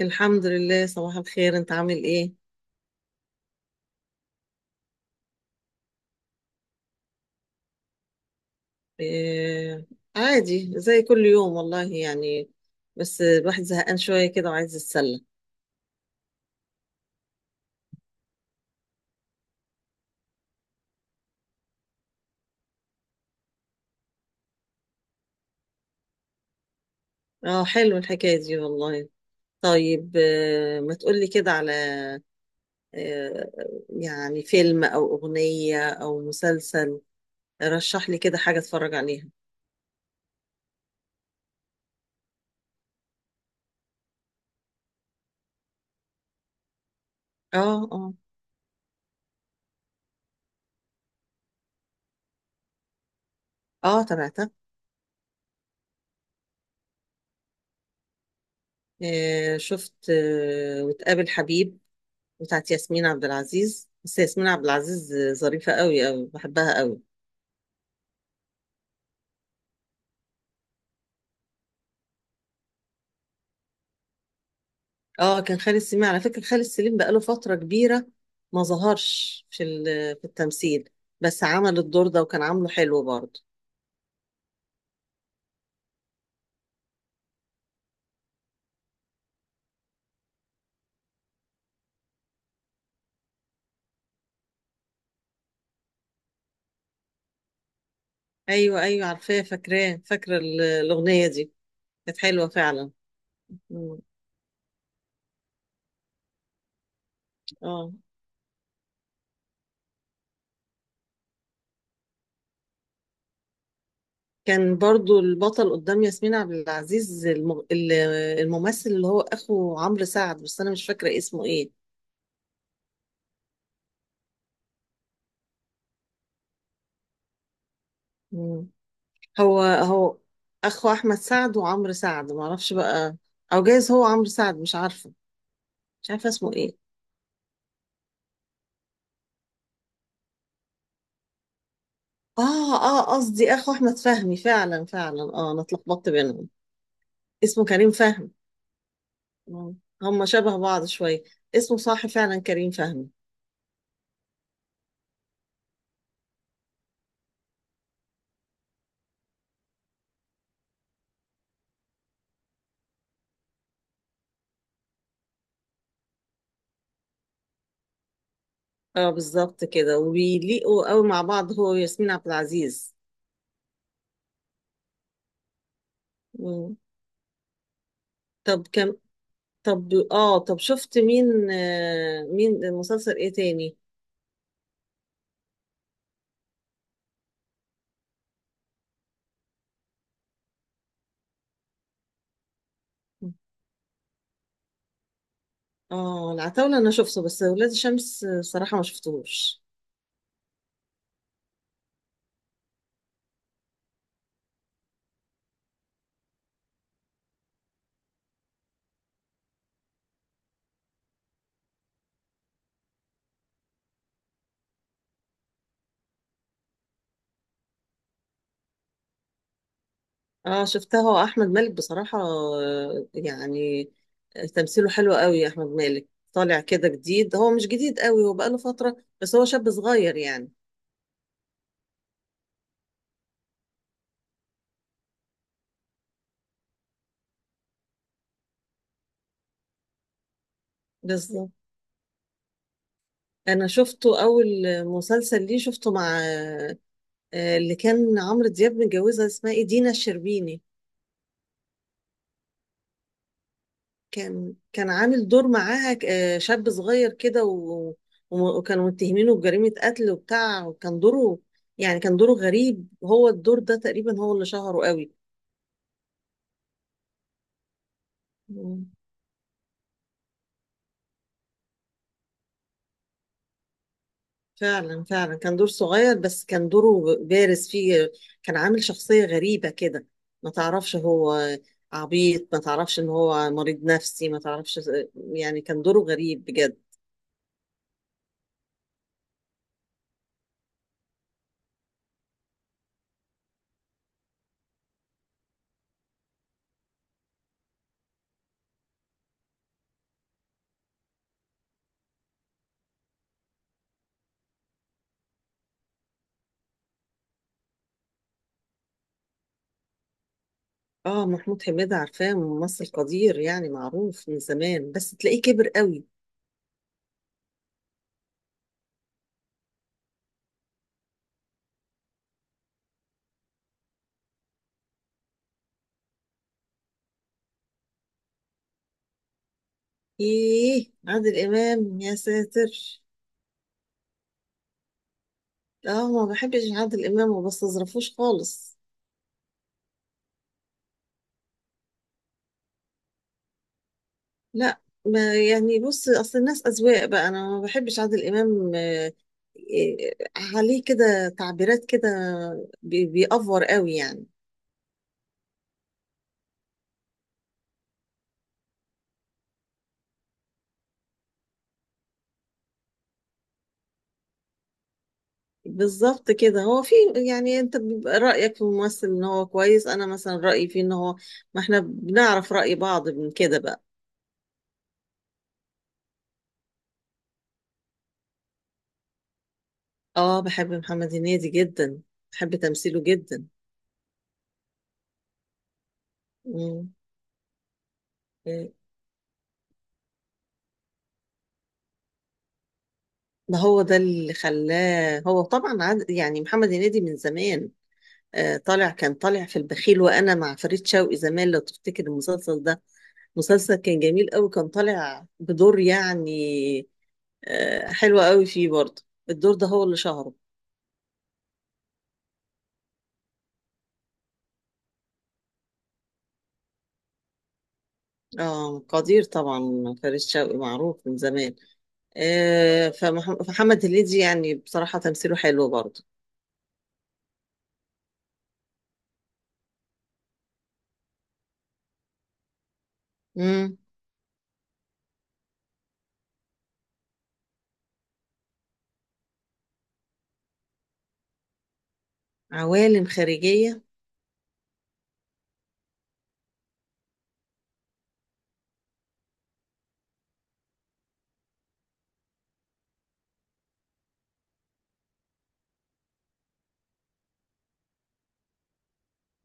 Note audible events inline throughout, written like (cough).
الحمد لله، صباح الخير، انت عامل ايه؟ آه عادي زي كل يوم والله يعني. بس الواحد زهقان شوية كده وعايز يتسلى. اه، حلو الحكاية دي والله. طيب ما تقولي كده على آه يعني فيلم او اغنية او مسلسل. رشح لي كده حاجة اتفرج عليها. اه اه. اه تابعتها. شفت وتقابل حبيب، بتاعت ياسمين عبد العزيز. بس ياسمين عبد العزيز ظريفة قوي قوي، بحبها قوي. اه، كان خالد سليم. على فكرة خالد سليم بقاله فترة كبيرة ما ظهرش في التمثيل، بس عمل الدور ده وكان عامله حلو برضه. ايوه ايوه عارفاه، فاكراه، فاكرة الأغنية دي. كانت حلوة فعلا. مم. اه كان برضه البطل قدام ياسمين عبد العزيز الممثل، اللي هو اخو عمرو سعد، بس انا مش فاكرة اسمه ايه. مم. هو اخو احمد سعد وعمرو سعد معرفش بقى، او جايز هو عمرو سعد، مش عارفة، مش عارفة اسمه ايه. اه اه، قصدي اخو احمد فهمي، فعلا فعلا، اه انا اتلخبطت بينهم. اسمه كريم فهمي. آه، هم شبه بعض شويه. اسمه صح فعلا كريم فهمي. اه بالظبط كده، وبيليقوا قوي مع بعض هو وياسمين عبد العزيز. مم. طب كم، طب اه طب شفت مين، مين مسلسل ايه تاني؟ اه العتاولة انا شفته، بس ولاد الشمس صراحة ما شفتهوش. اه شفتها. هو احمد مالك بصراحة تمثيله حلو قوي احمد مالك. طالع كده جديد، هو مش جديد قوي، هو بقاله فترة، بس هو شاب صغير يعني. بالظبط. انا شفته اول مسلسل ليه شفته مع اللي كان عمرو دياب متجوزها، اسمها ايه، دينا الشربيني. كان عامل دور معاها، شاب صغير كده وكانوا متهمينه بجريمة قتل وبتاع، وكان دوره يعني، كان دوره غريب. هو الدور ده تقريبا هو اللي شهره قوي. فعلا فعلا كان دور صغير بس كان دوره بارز فيه. كان عامل شخصية غريبة كده، ما تعرفش هو عبيط، ما تعرفش ان هو مريض نفسي، ما تعرفش، يعني كان دوره غريب بجد. اه محمود حميدة عارفاه، ممثل قدير يعني، معروف من زمان، بس تلاقيه كبر قوي. ايه عادل امام يا ساتر! اه ما بحبش عادل امام وما بستظرفوش خالص. لا، ما يعني، بص اصل الناس اذواق بقى، انا ما بحبش عادل امام. آه، عليه كده تعبيرات كده، بيأفور قوي يعني. بالظبط كده. هو في يعني، انت بيبقى رأيك في الممثل ان هو كويس، انا مثلا رأيي فيه ان هو، ما احنا بنعرف رأي بعض من كده بقى. اه بحب محمد هنيدي جدا، بحب تمثيله جدا. مم. آه، ده هو ده اللي خلاه. هو طبعا عاد يعني محمد هنيدي من زمان، آه، طالع كان طالع في البخيل وانا مع فريد شوقي زمان، لو تفتكر المسلسل ده. مسلسل كان جميل قوي. كان طالع بدور يعني حلو قوي فيه برضه. الدور ده هو اللي شهره. اه قدير طبعا، فريد شوقي معروف من زمان. فمحمد هنيدي يعني بصراحة تمثيله حلو برضه. امم. عوالم خارجية.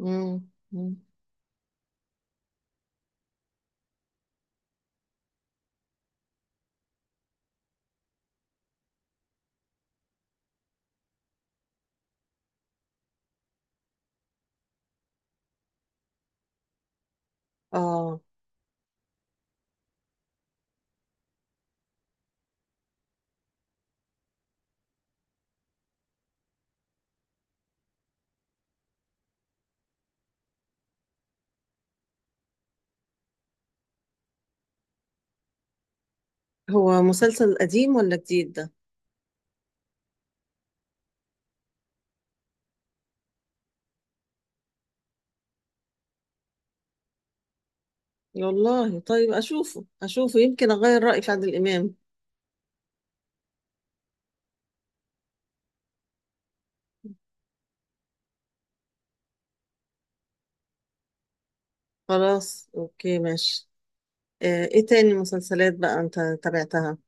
امم. اه هو مسلسل قديم ولا جديد ده؟ والله طيب اشوفه، اشوفه يمكن اغير رايي في عادل امام. خلاص اوكي ماشي. ايه تاني مسلسلات بقى انت تابعتها؟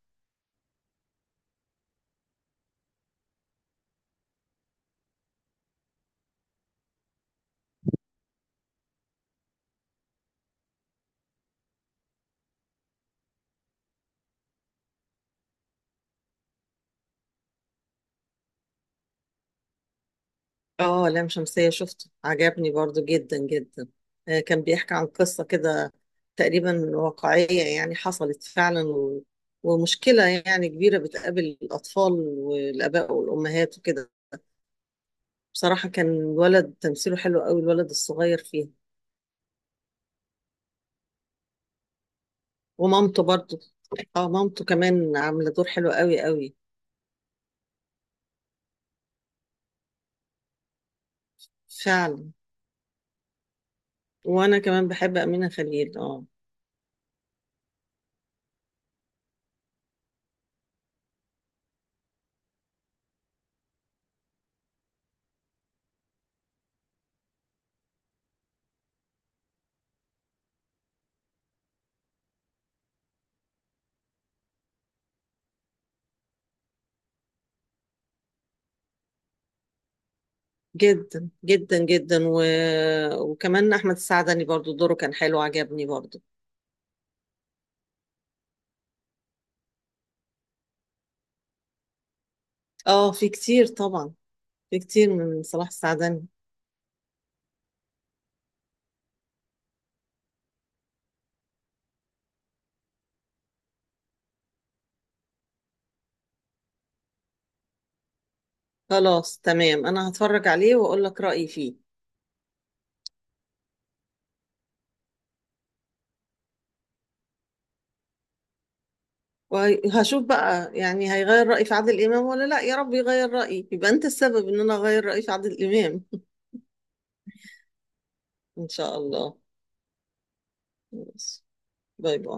اه لام شمسية شفته، عجبني برضو جدا جدا. كان بيحكي عن قصة كده تقريبا واقعية، يعني حصلت فعلا، ومشكلة يعني كبيرة بتقابل الأطفال والآباء والأمهات وكده. بصراحة كان الولد تمثيله حلو قوي، الولد الصغير فيه. ومامته برضو. اه مامته كمان عاملة دور حلو قوي قوي. فعلا. وأنا كمان بحب أمينة خليل اه. جدا جدا جدا. وكمان احمد السعدني برضو دوره كان حلو، عجبني برضو. اه في كتير طبعا، في كتير من صلاح السعدني. خلاص تمام، انا هتفرج عليه واقول لك رأيي فيه. وهشوف بقى يعني هيغير رأيي في عادل امام ولا لا. يا رب يغير رأيي يبقى انت السبب ان انا اغير رأيي في عادل امام. (laughs) ان شاء الله. ماشي. باي باي.